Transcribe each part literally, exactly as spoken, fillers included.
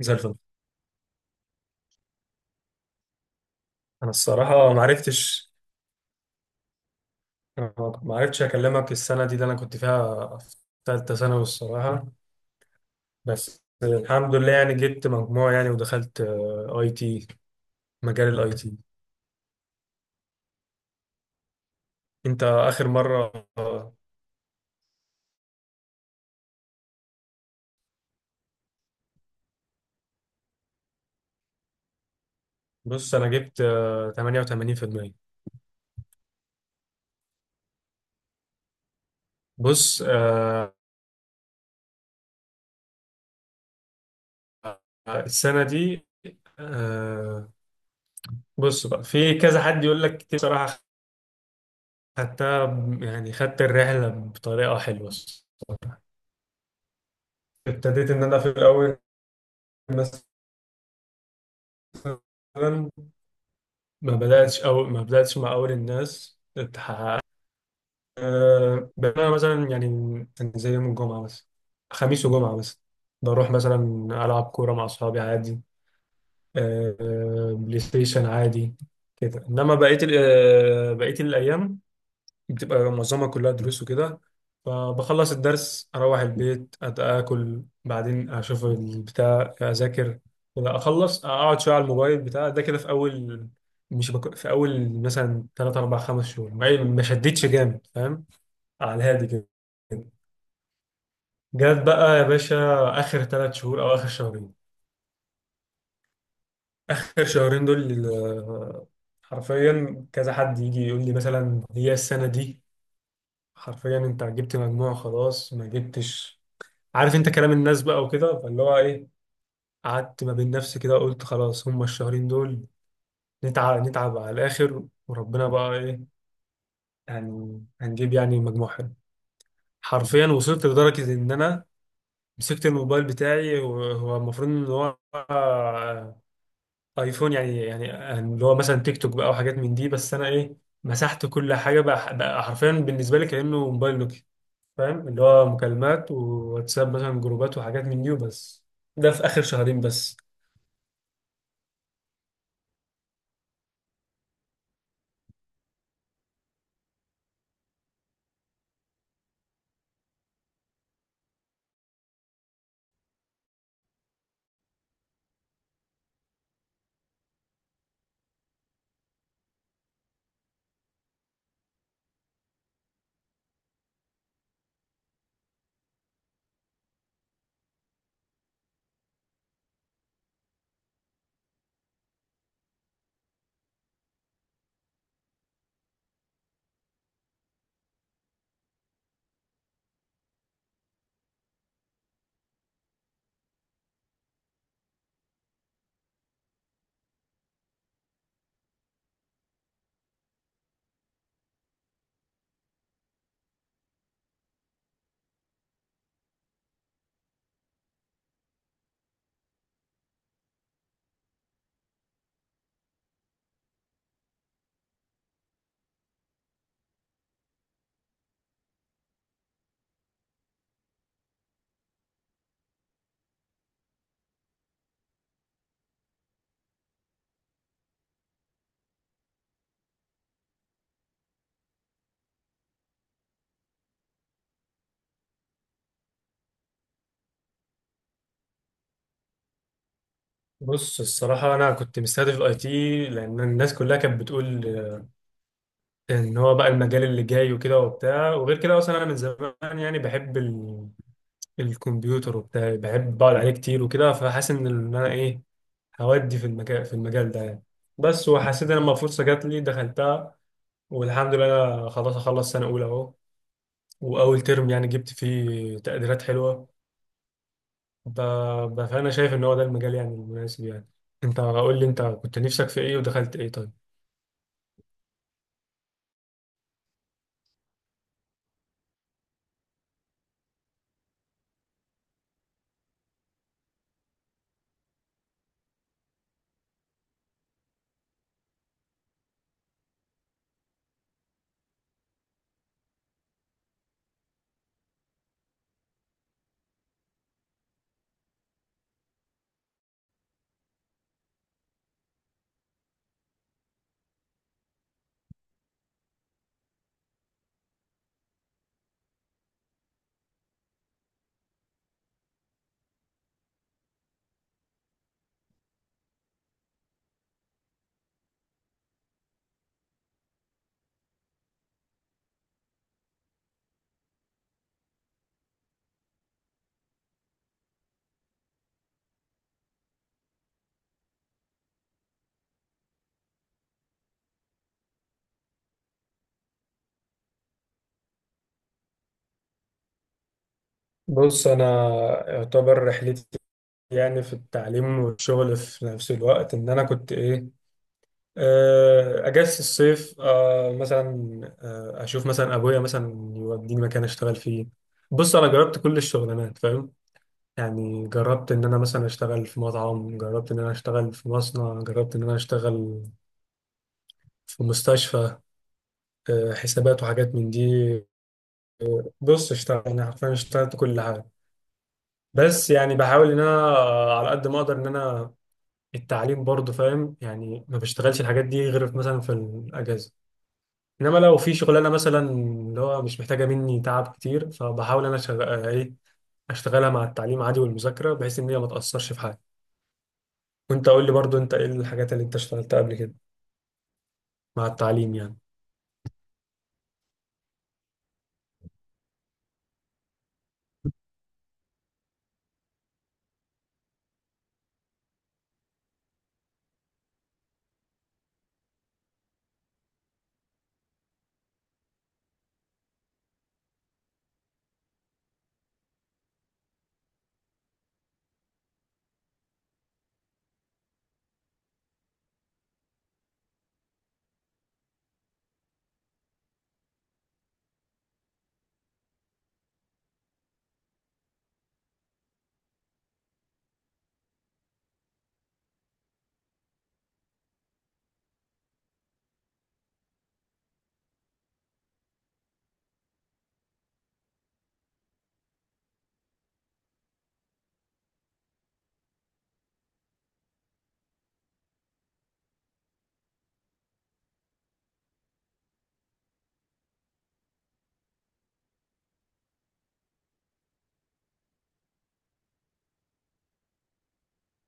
زي الفل. انا الصراحه ما عرفتش ما عرفتش اكلمك السنه دي اللي انا كنت فيها في ثالثه ثانوي الصراحه. بس الحمد لله يعني جبت مجموع يعني ودخلت آه، اي تي. مجال الاي تي. انت اخر مره؟ آه، بص انا جبت آه، ثمانية وثمانين في المئة. بص آه، السنه دي. آه، بص بقى في كذا حد يقول لك كتير صراحه. خدتها ب- يعني خدت الرحله بطريقه حلوه. ابتديت ان انا في الاول مثلا ما بدأتش أو ما بدأتش مع أول الناس تحقق. أه بقى مثلا يعني يعني زي يوم الجمعة بس. خميس وجمعة بس. بروح مثلا ألعب كورة مع أصحابي عادي. أه بلاي ستيشن عادي كده. إنما بقية ال- آه، بقية الأيام بتبقى معظمها كلها دروس وكده. فبخلص الدرس اروح البيت أت- اكل بعدين اشوف البتاع اذاكر كده اخلص اقعد شويه على الموبايل بتاع ده كده في اول. مش بك... في اول مثلا ثلاث اربعة خمس شهور ما ما شدتش جامد فاهم. على الهادي كده. جت بقى يا باشا اخر ثلاث شهور او اخر شهرين. اخر شهرين دول آه، حرفيا كذا حد يجي يقول لي مثلا هي السنه دي. حرفيا انت جبت مجموع خلاص ما جبتش عارف. انت كلام الناس بقى وكده فاللي هو ايه. قعدت ما بين نفسي كده وقلت خلاص هما الشهرين دول نتعب نتعب على الاخر وربنا بقى ايه يعني هنجيب يعني مجموع حلو. حرفيا وصلت لدرجة ان انا مسكت الموبايل بتاعي وهو المفروض ان هو ايفون يعني يعني اللي هو مثلا تيك توك بقى وحاجات من دي بس انا ايه مسحت كل حاجة بقى, بقى حرفيا بالنسبة لي كأنه موبايل نوكيا فاهم. اللي هو مكالمات وواتساب مثلا جروبات وحاجات من دي وبس. ده في آخر شهرين بس. بص الصراحة أنا كنت مستهدف الأي تي لأن الناس كلها كانت بتقول إن هو بقى المجال اللي جاي وكده وبتاع وغير كده. أصلا أنا من زمان يعني بحب ال... الكمبيوتر وبتاع. بحب بقعد عليه كتير وكده فحاسس إن أنا إيه هودي في المجال. في المجال ده يعني. بس وحسيت إن لما فرصة جات لي دخلتها والحمد لله. أنا خلاص أخلص سنة أولى أهو وأول ترم يعني جبت فيه تقديرات حلوة. ب... ب- فأنا شايف إن هو ده المجال يعني المناسب يعني. أنت قول لي أنت كنت نفسك في إيه ودخلت إيه طيب؟ بص انا يعتبر رحلتي يعني في التعليم والشغل في نفس الوقت ان انا كنت ايه. آه، اجازة الصيف آه، مثلا. آه، اشوف مثلا ابويا مثلا يوديني مكان اشتغل فيه. بص انا جربت كل الشغلانات فاهم. يعني جربت ان انا مثلا اشتغل في مطعم، جربت ان انا اشتغل في مصنع، جربت ان انا اشتغل في مستشفى آه، حسابات وحاجات من دي. بص اشتغل يعني حرفيا اشتغلت كل حاجة. بس يعني بحاول ان انا آه، على قد ما اقدر ان انا التعليم برضه فاهم. يعني ما بشتغلش الحاجات دي غير في مثلا في الاجازه. انما لو في شغلانه مثلا اللي هو مش محتاجه مني تعب كتير فبحاول انا شغ... آه، ايه اشتغلها مع التعليم عادي والمذاكره بحيث ان هي ما تاثرش في حاجه. وانت قول لي برضه انت ايه الحاجات اللي انت اشتغلتها قبل كده مع التعليم يعني؟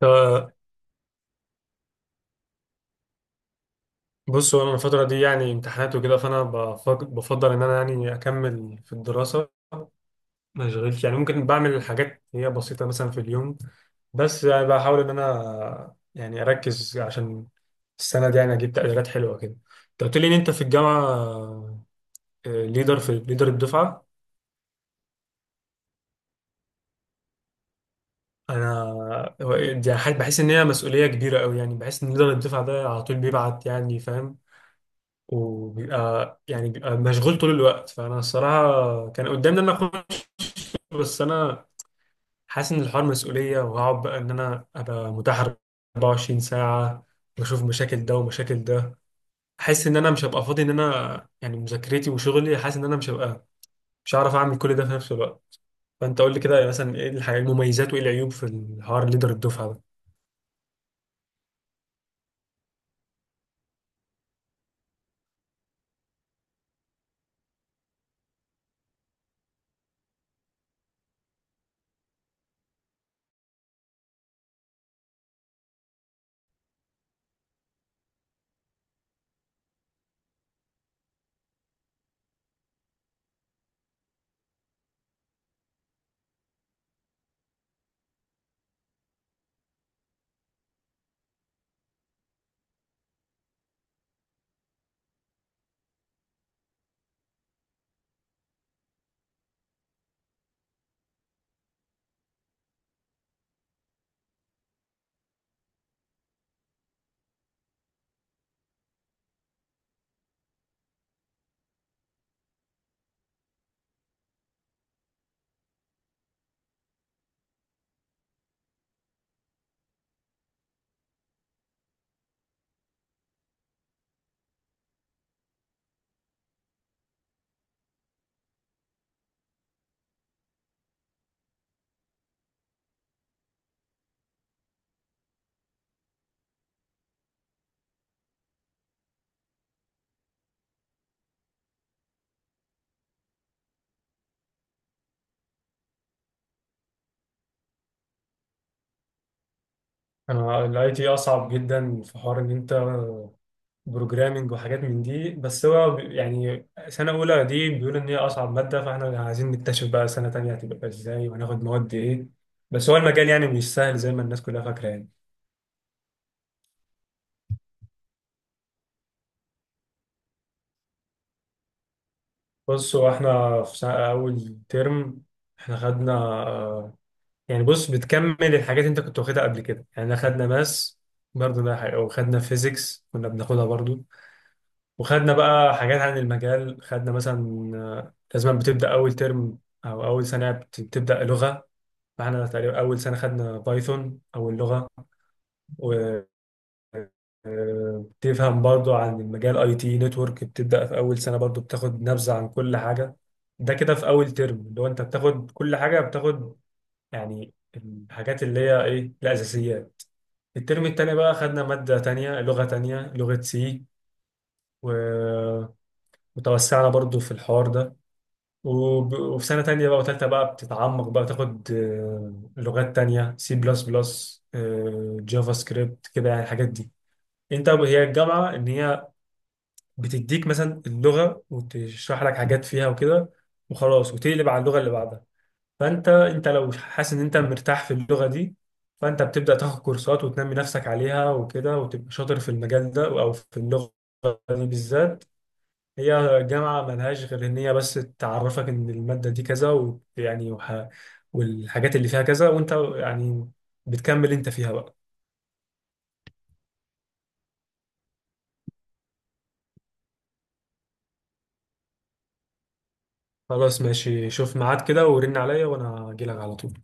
ف- بص هو انا الفتره دي يعني امتحانات وكده فانا بفك- بفضل ان انا يعني اكمل في الدراسه. ما اشغلش. يعني ممكن بعمل حاجات هي بسيطة مثلا في اليوم بس يعني بحاول ان انا يعني اركز عشان السنة دي يعني اجيب تقديرات حلوة كده. انت قلت لي ان انت في الجامعة ليدر في ليدر الدفعة. انا هو- دي حاجة بحس ان هي مسؤولية كبيرة قوي. يعني بحس ان ليدر الدفعة ده على طول بيبعت يعني فاهم. وبيبقى يعني بيبقى مشغول طول الوقت. فانا الصراحة كان قدامي ان انا اخد، بس انا حاسس ان الحوار مسؤوليه وهقعد بقى ان انا ابقى متاح اربعة وعشرين ساعه واشوف مشاكل ده ومشاكل ده. حاسس ان انا مش هبقى فاضي ان انا يعني مذاكرتي وشغلي. حاسس ان انا مش هبقى مش هعرف اعمل كل ده في نفس الوقت. فانت قول لي كده مثلا ايه الحاجات المميزات وايه العيوب في الحوار ليدر الدفعه؟ الاي تي اصعب جدا في حوار ان انت بروجرامنج وحاجات من دي. بس هو بي- يعني سنة أولى دي بيقول إن هي أصعب مادة. فإحنا عايزين نكتشف بقى سنة تانية هتبقى إزاي وهناخد مواد إيه. بس هو المجال يعني مش سهل زي ما الناس كلها فاكرة يعني. بص هو إحنا في سنة أول ترم إحنا خدنا. آه، يعني بص بتكمل الحاجات اللي أنت كنت واخدها قبل كده. يعني إحنا خدنا ماس برضه ده حاجة. وخدنا فيزيكس كنا بناخدها برضه. وخدنا بقى حاجات عن المجال خدنا مثلا آه، لازم بتبدأ أول ترم أو أول سنة بت- بتبدأ لغة. فاحنا تقريبا أول سنة خدنا بايثون أول لغة. وبتفهم برضو عن المجال أي تي نتورك بتبدأ في أول سنة برضو بتاخد نبذة عن كل حاجة. ده كده في أول ترم اللي هو أنت بتاخد كل حاجة. بتاخد يعني الحاجات اللي هي إيه الأساسيات. الترم التاني بقى خدنا مادة تانية لغة تانية لغة سي. وتوسعنا برضو في الحوار ده. وب- وفي سنة تانية بقى وتالتة بقى بتتعمق بقى تاخد آه، لغات تانية سي بلس بلس، جافا سكريبت كده يعني الحاجات دي. انت هي الجامعة ان هي بتديك مثلا اللغة وتشرح لك حاجات فيها وكده وخلاص وتقلب على اللغة اللي بعدها. فانت انت لو حاسس ان انت مرتاح في اللغة دي فانت بتبدأ تاخد كورسات وتنمي نفسك عليها وكده وتبقى شاطر في المجال ده او في اللغة دي بالذات. هي جامعة ملهاش غير إن هي بس تعرفك إن المادة دي كذا، ويعني وح... والحاجات اللي فيها كذا وأنت يعني بتكمل أنت فيها بقى. خلاص ماشي شوف ميعاد كده ورن عليا وأنا أجيلك على طول.